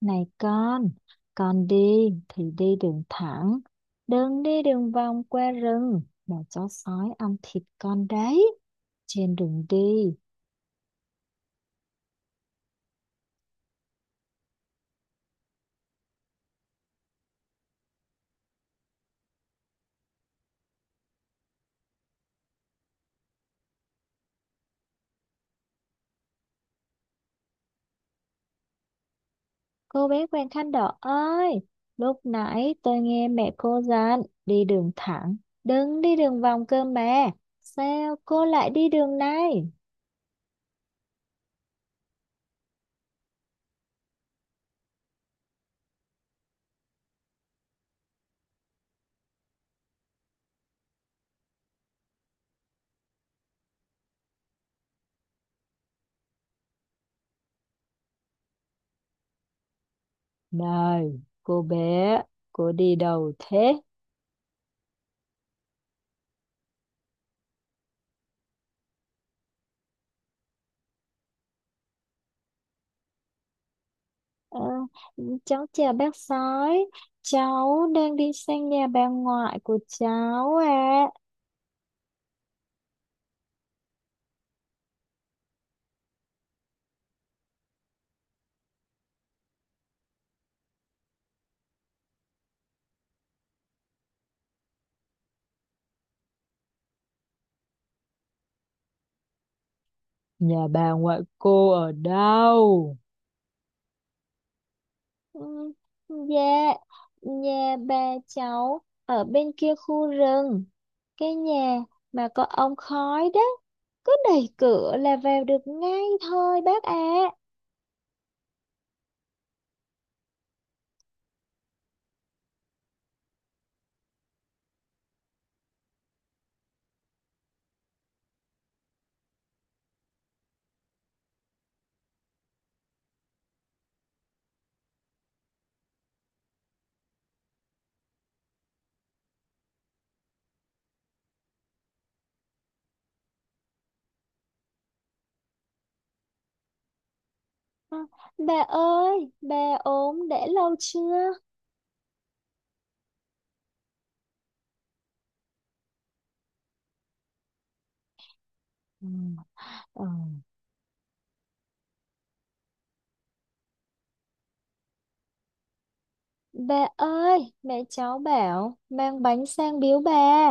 Này con đi thì đi đường thẳng, đừng đi đường vòng qua rừng mà chó sói ăn thịt con đấy. Trên đường đi, cô bé Quàng Khăn Đỏ ơi, lúc nãy tôi nghe mẹ cô dặn đi đường thẳng, đừng đi đường vòng cơ mà. Sao cô lại đi đường này? Này, cô bé, cô đi đâu thế? Ờ, cháu chào bác sói, cháu đang đi sang nhà bà ngoại của cháu ạ. À. Nhà bà ngoại cô ở đâu? Ừ, dạ, nhà bà cháu ở bên kia khu rừng, cái nhà mà có ống khói đó, cứ đẩy cửa là vào được ngay thôi bác ạ. À. Bà ơi, bà ốm đã lâu chưa? Ừ. Ừ. Bà ơi, mẹ cháu bảo mang bánh sang biếu bà.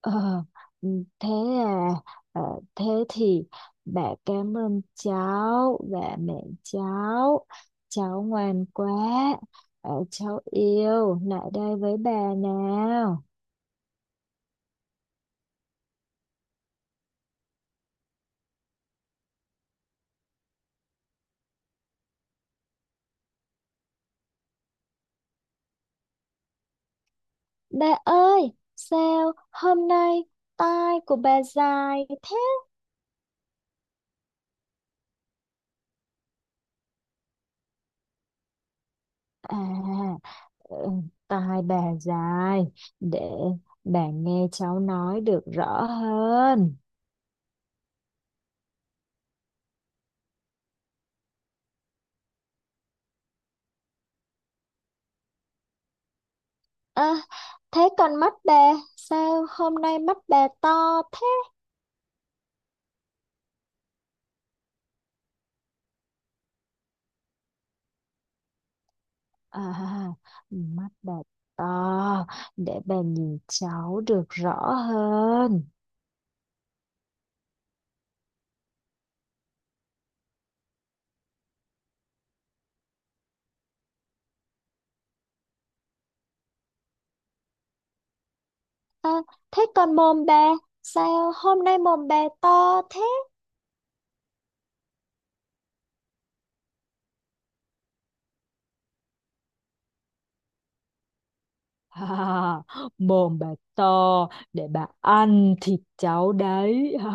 Ờ, ừ, thế à, ờ, thế thì bà cảm ơn cháu và mẹ cháu. Cháu ngoan quá, ờ, cháu yêu, lại đây với bà nào. Bà ơi, sao hôm nay tai của bà dài thế? À, ừ, tai bà dài, để bà nghe cháu nói được rõ hơn. À, thế còn mắt bà sao hôm nay mắt bà to thế? À, mắt bà to để bà nhìn cháu được rõ hơn. À, thế còn mồm bà sao hôm nay mồm bà to thế? À, mồm bà to để bà ăn thịt cháu đấy. À.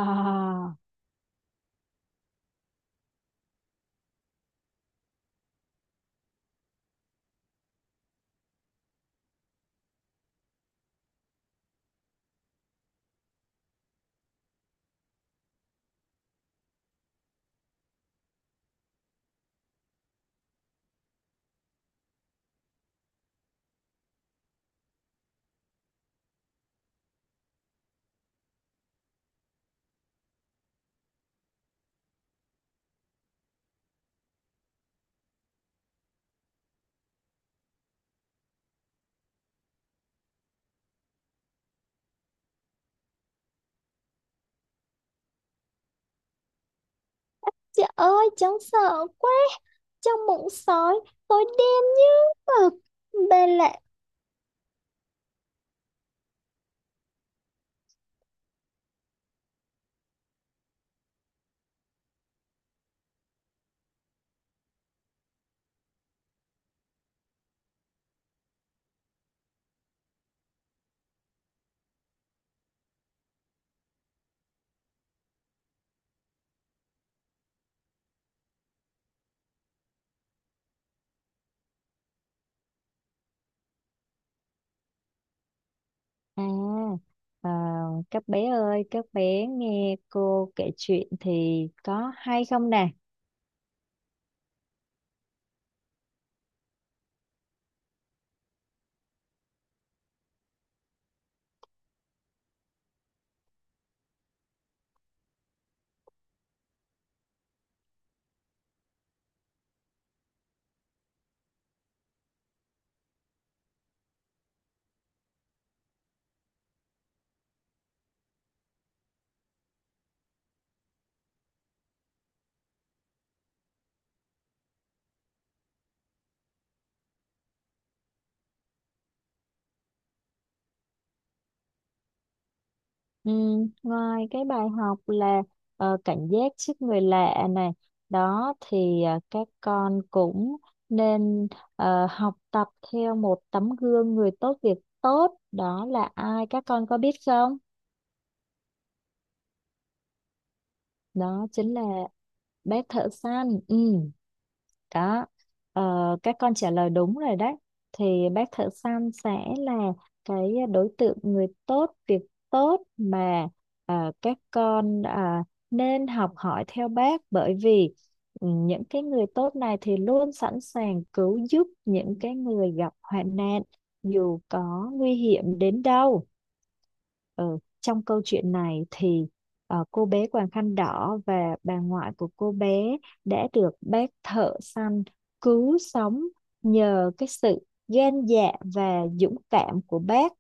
Trời ơi, cháu sợ quá. Trong bụng sói, tôi đen như mực. Bà lạ à, à, các bé ơi, các bé nghe cô kể chuyện thì có hay không nè? Ừ, ngoài cái bài học là cảnh giác trước người lạ này, đó thì các con cũng nên học tập theo một tấm gương người tốt việc tốt, đó là ai các con có biết không? Đó chính là bác thợ săn. Ừ. Đó, ờ, các con trả lời đúng rồi đấy. Thì bác thợ săn sẽ là cái đối tượng người tốt, việc tốt mà à, các con à, nên học hỏi theo bác bởi vì ừ, những cái người tốt này thì luôn sẵn sàng cứu giúp những cái người gặp hoạn nạn dù có nguy hiểm đến đâu. Ừ, trong câu chuyện này thì cô bé quàng khăn đỏ và bà ngoại của cô bé đã được bác thợ săn cứu sống nhờ cái sự gan dạ và dũng cảm của bác.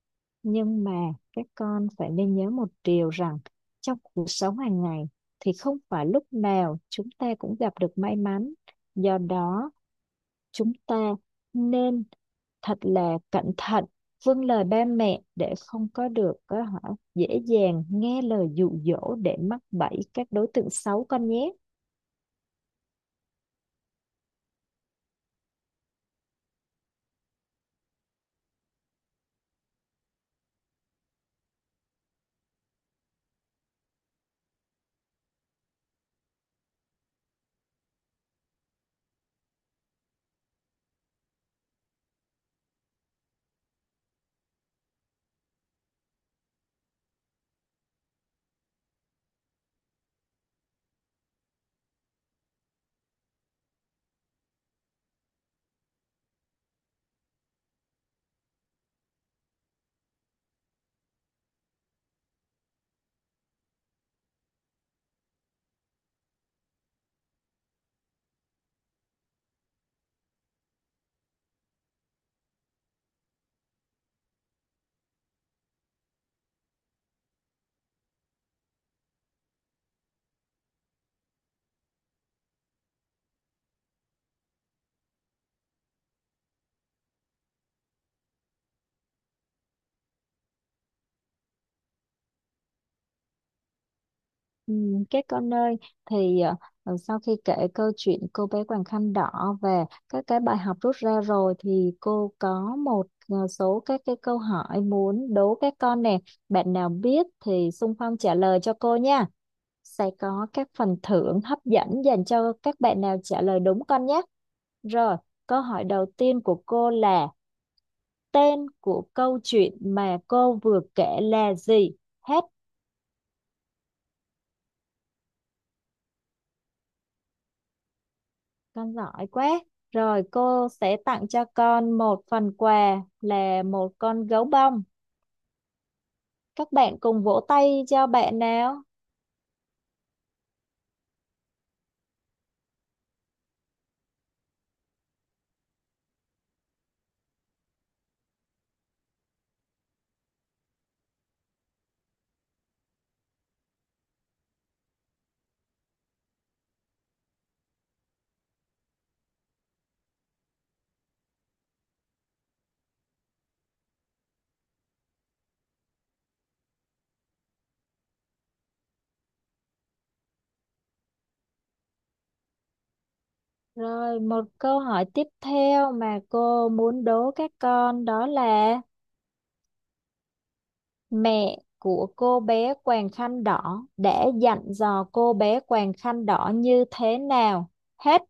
Nhưng mà các con phải nên nhớ một điều rằng trong cuộc sống hàng ngày thì không phải lúc nào chúng ta cũng gặp được may mắn. Do đó chúng ta nên thật là cẩn thận vâng lời ba mẹ để không có được có hả dễ dàng nghe lời dụ dỗ để mắc bẫy các đối tượng xấu con nhé. Các con ơi thì ờ, sau khi kể câu chuyện cô bé Quàng Khăn Đỏ và các cái bài học rút ra rồi thì cô có một số các cái câu hỏi muốn đố các con nè, bạn nào biết thì xung phong trả lời cho cô nha, sẽ có các phần thưởng hấp dẫn dành cho các bạn nào trả lời đúng con nhé. Rồi, câu hỏi đầu tiên của cô là tên của câu chuyện mà cô vừa kể là gì? Hết, con giỏi quá. Rồi cô sẽ tặng cho con một phần quà là một con gấu bông. Các bạn cùng vỗ tay cho bạn nào. Rồi một câu hỏi tiếp theo mà cô muốn đố các con đó là mẹ của cô bé quàng khăn đỏ đã dặn dò cô bé quàng khăn đỏ như thế nào? Hết.